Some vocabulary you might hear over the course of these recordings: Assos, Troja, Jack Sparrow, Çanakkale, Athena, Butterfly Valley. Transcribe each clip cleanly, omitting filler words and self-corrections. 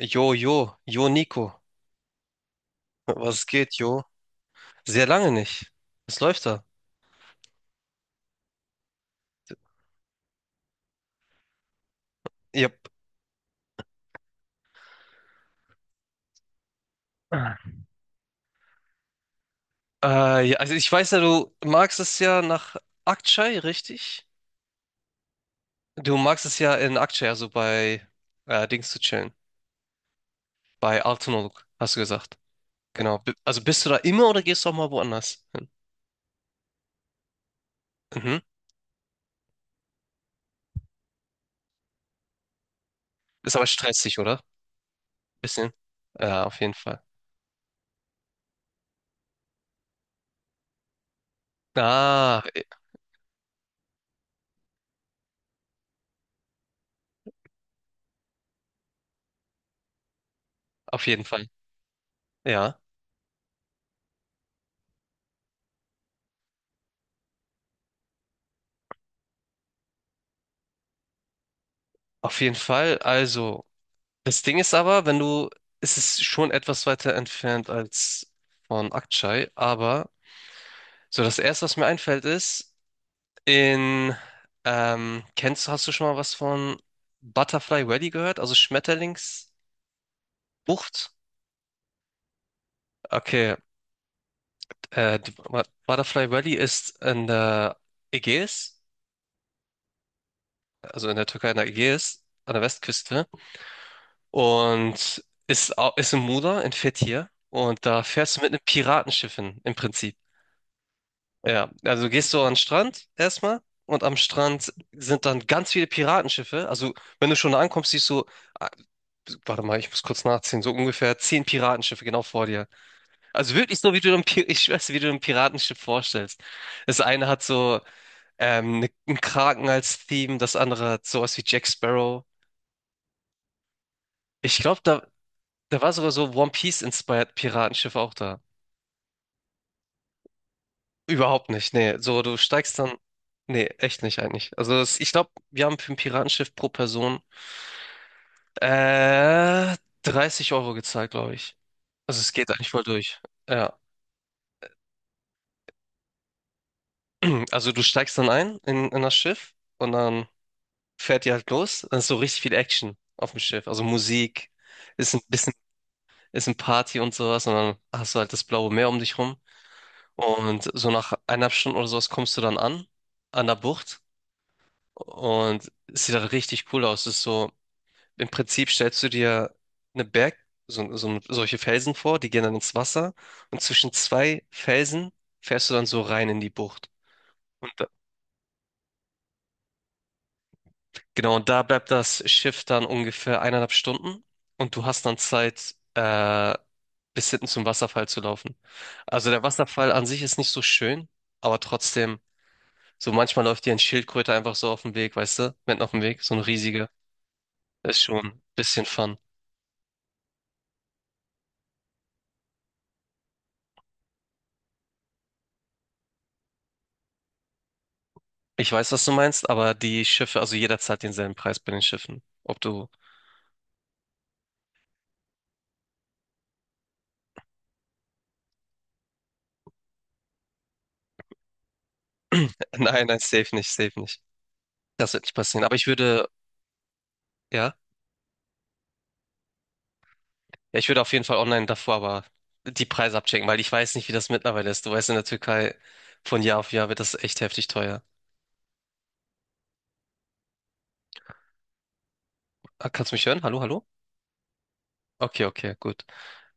Jo, jo, jo, Nico. Was geht, jo? Sehr lange nicht. Was läuft da? Yep. Ja, also ich weiß ja, du magst es ja nach Aktschei, richtig? Du magst es ja in Aktschei, also bei Dings zu chillen. Bei Altınoluk, hast du gesagt. Genau. Also bist du da immer oder gehst du auch mal woanders hin? Mhm. Ist aber stressig, oder? Bisschen. Ja, auf jeden Fall. Ah, e, auf jeden Fall. Ja, auf jeden Fall. Also. Das Ding ist aber, wenn du, es ist schon etwas weiter entfernt als von Akçay, aber so das Erste, was mir einfällt, ist, in, kennst du, hast du schon mal was von Butterfly Valley gehört? Also Schmetterlingsbucht? Okay, die Butterfly Valley ist in der Ägäis, also in der Türkei in der Ägäis, an der Westküste und ist in Muğla, in Fethiye und da fährst du mit einem Piratenschiff hin, im Prinzip. Ja, also gehst du an den Strand erstmal und am Strand sind dann ganz viele Piratenschiffe. Also wenn du schon da ankommst, siehst du, ah, warte mal, ich muss kurz nachziehen, so ungefähr 10 Piratenschiffe genau vor dir. Also wirklich so, wie du dir ein, Pi- ich weiß, wie du dir ein Piratenschiff vorstellst. Das eine hat so ne, einen Kraken als Theme, das andere hat sowas wie Jack Sparrow. Ich glaube, da war sogar so One Piece-inspired Piratenschiff auch da. Überhaupt nicht, nee. So, du steigst dann. Nee, echt nicht eigentlich. Also es, ich glaube, wir haben für ein Piratenschiff pro Person äh, 30 € gezahlt, glaube ich. Also es geht eigentlich voll durch. Ja. Also du steigst dann ein in das Schiff und dann fährt ihr halt los. Dann ist so richtig viel Action auf dem Schiff. Also Musik, ist ein bisschen, ist ein Party und sowas. Und dann hast du halt das blaue Meer um dich rum. Und so nach 1,5 Stunden oder sowas kommst du dann an, an der Bucht. Und es sieht halt richtig cool aus. Es ist so. Im Prinzip stellst du dir eine Berg, solche Felsen vor, die gehen dann ins Wasser und zwischen zwei Felsen fährst du dann so rein in die Bucht. Und da, genau, und da bleibt das Schiff dann ungefähr 1,5 Stunden und du hast dann Zeit, bis hinten zum Wasserfall zu laufen. Also der Wasserfall an sich ist nicht so schön, aber trotzdem, so manchmal läuft dir ein Schildkröte einfach so auf dem Weg, weißt du, mitten auf dem Weg, so ein riesiger, ist schon ein bisschen Fun. Ich weiß, was du meinst, aber die Schiffe, also jeder zahlt denselben Preis bei den Schiffen. Ob du, nein, nein, safe nicht, safe nicht. Das wird nicht passieren. Aber ja, ja, ich würde auf jeden Fall online davor aber die Preise abchecken, weil ich weiß nicht, wie das mittlerweile ist. Du weißt, in der Türkei von Jahr auf Jahr wird das echt heftig teuer. Ah, kannst du mich hören? Hallo, hallo? Okay, okay, gut.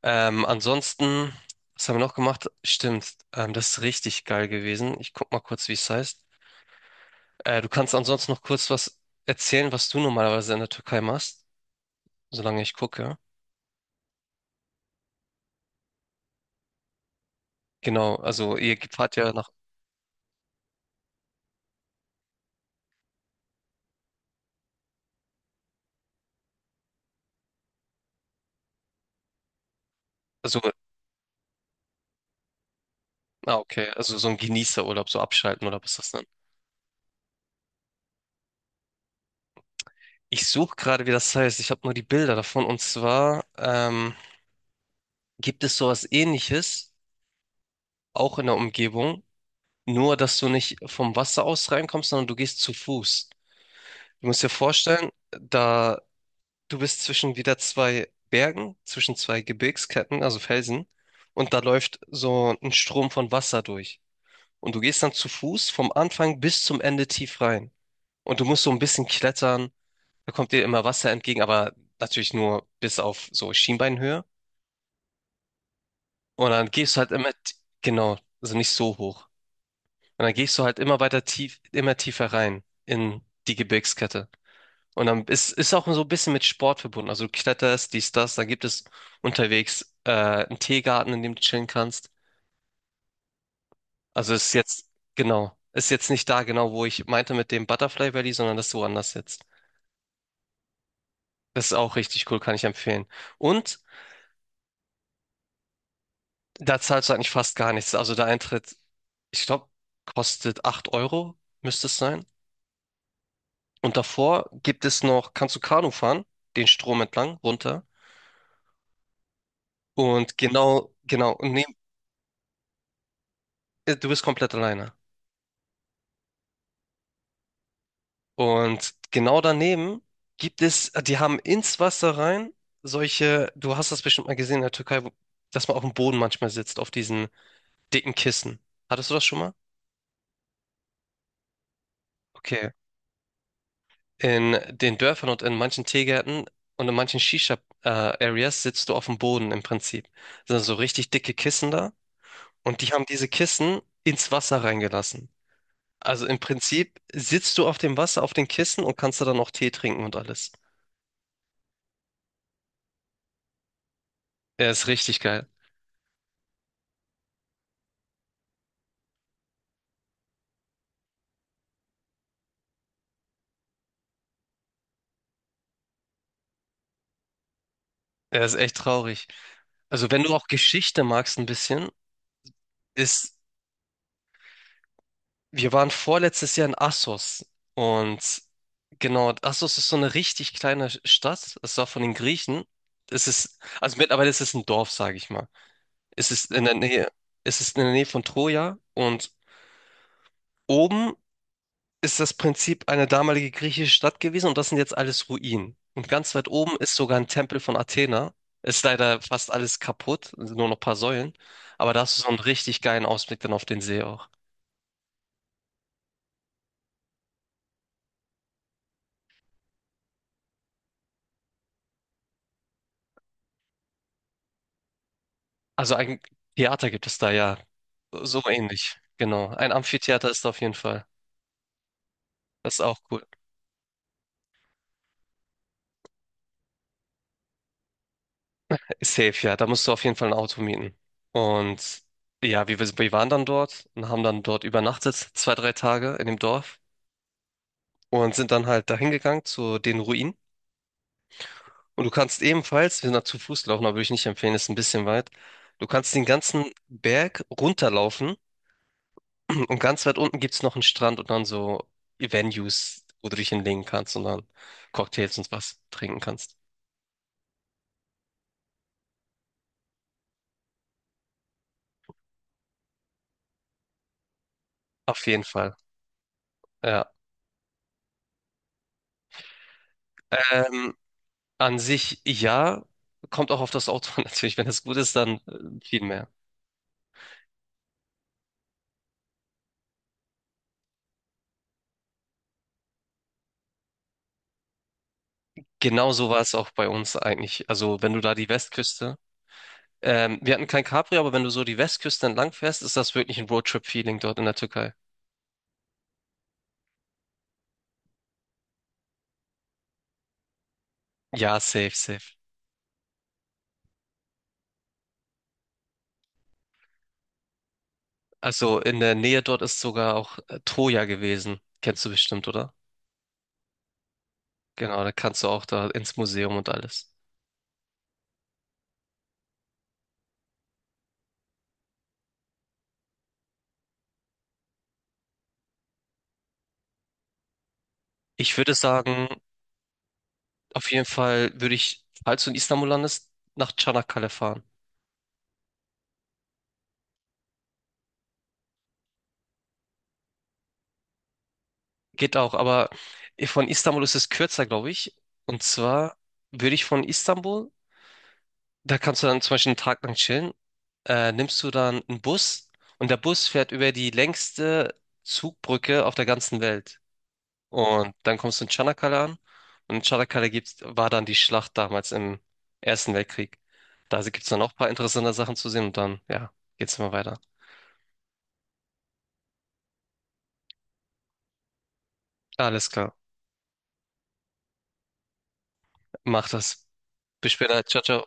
Ansonsten, was haben wir noch gemacht? Stimmt, das ist richtig geil gewesen. Ich guck mal kurz, wie es heißt. Du kannst ansonsten noch kurz was erzählen, was du normalerweise in der Türkei machst, solange ich gucke. Genau, also ihr fahrt ja nach, also, okay, also so ein Genießerurlaub, so abschalten oder was ist das denn? Ich suche gerade, wie das heißt. Ich habe nur die Bilder davon. Und zwar gibt es sowas Ähnliches, auch in der Umgebung, nur dass du nicht vom Wasser aus reinkommst, sondern du gehst zu Fuß. Du musst dir vorstellen, da du bist zwischen wieder zwei Bergen, zwischen zwei Gebirgsketten, also Felsen, und da läuft so ein Strom von Wasser durch. Und du gehst dann zu Fuß vom Anfang bis zum Ende tief rein. Und du musst so ein bisschen klettern. Da kommt dir immer Wasser entgegen, aber natürlich nur bis auf so Schienbeinhöhe. Und dann gehst du halt immer, genau, also nicht so hoch. Und dann gehst du halt immer weiter tief, immer tiefer rein in die Gebirgskette. Und dann ist auch so ein bisschen mit Sport verbunden. Also du kletterst, dies, das, dann gibt es unterwegs einen Teegarten, in dem du chillen kannst. Genau, ist jetzt nicht da genau, wo ich meinte mit dem Butterfly Valley, sondern das ist woanders jetzt. Das ist auch richtig cool, kann ich empfehlen. Und da zahlst du eigentlich fast gar nichts. Also der Eintritt, ich glaube, kostet 8 Euro, müsste es sein. Und davor gibt es noch, kannst du Kanu fahren, den Strom entlang, runter. Und genau, genau, und neben, du bist komplett alleine. Und genau daneben gibt es, die haben ins Wasser rein solche, du hast das bestimmt mal gesehen in der Türkei, dass man auf dem Boden manchmal sitzt, auf diesen dicken Kissen. Hattest du das schon mal? Okay, in den Dörfern und in manchen Teegärten und in manchen Shisha-Areas sitzt du auf dem Boden im Prinzip. Das sind so richtig dicke Kissen da und die haben diese Kissen ins Wasser reingelassen. Also im Prinzip sitzt du auf dem Wasser, auf den Kissen und kannst da dann auch Tee trinken und alles. Er ist richtig geil. Er ist echt traurig. Also wenn du auch Geschichte magst ein bisschen, ist Wir waren vorletztes Jahr in Assos und genau, Assos ist so eine richtig kleine Stadt. Es war von den Griechen. Es ist, also mittlerweile ist es ein Dorf, sage ich mal. Es ist in der Nähe, es ist in der Nähe von Troja und oben ist das Prinzip eine damalige griechische Stadt gewesen und das sind jetzt alles Ruinen. Und ganz weit oben ist sogar ein Tempel von Athena. Ist leider fast alles kaputt, sind nur noch ein paar Säulen. Aber da hast du so einen richtig geilen Ausblick dann auf den See auch. Also ein Theater gibt es da ja. So ähnlich. Genau. Ein Amphitheater ist da auf jeden Fall. Das ist auch cool. Safe, ja. Da musst du auf jeden Fall ein Auto mieten. Und ja, wir waren dann dort und haben dann dort übernachtet, zwei, drei Tage in dem Dorf und sind dann halt dahin gegangen zu den Ruinen. Und du kannst ebenfalls, wir sind da zu Fuß gelaufen, aber würde ich nicht empfehlen, ist ein bisschen weit. Du kannst den ganzen Berg runterlaufen. Und ganz weit unten gibt es noch einen Strand und dann so Venues, wo du dich hinlegen kannst und dann Cocktails und was trinken kannst. Auf jeden Fall, ja. Ähm, an sich ja, kommt auch auf das Auto an, natürlich. Wenn das gut ist, dann viel mehr. Genau so war es auch bei uns eigentlich. Also wenn du da die Westküste, wir hatten kein Capri, aber wenn du so die Westküste entlang fährst, ist das wirklich ein Roadtrip-Feeling dort in der Türkei. Ja, safe, safe. Also in der Nähe dort ist sogar auch Troja gewesen. Kennst du bestimmt, oder? Genau, da kannst du auch da ins Museum und alles. Ich würde sagen, auf jeden Fall würde ich, falls du in Istanbul landest, nach Çanakkale fahren. Geht auch, aber von Istanbul ist es kürzer, glaube ich. Und zwar würde ich von Istanbul, da kannst du dann zum Beispiel einen Tag lang chillen, nimmst du dann einen Bus und der Bus fährt über die längste Zugbrücke auf der ganzen Welt. Und dann kommst du in Tschanakala an. Und in Tschanakala gibt's, war dann die Schlacht damals im Ersten Weltkrieg. Da gibt es dann auch ein paar interessante Sachen zu sehen und dann, ja, geht's immer weiter. Alles klar. Mach das. Bis später. Ciao, ciao.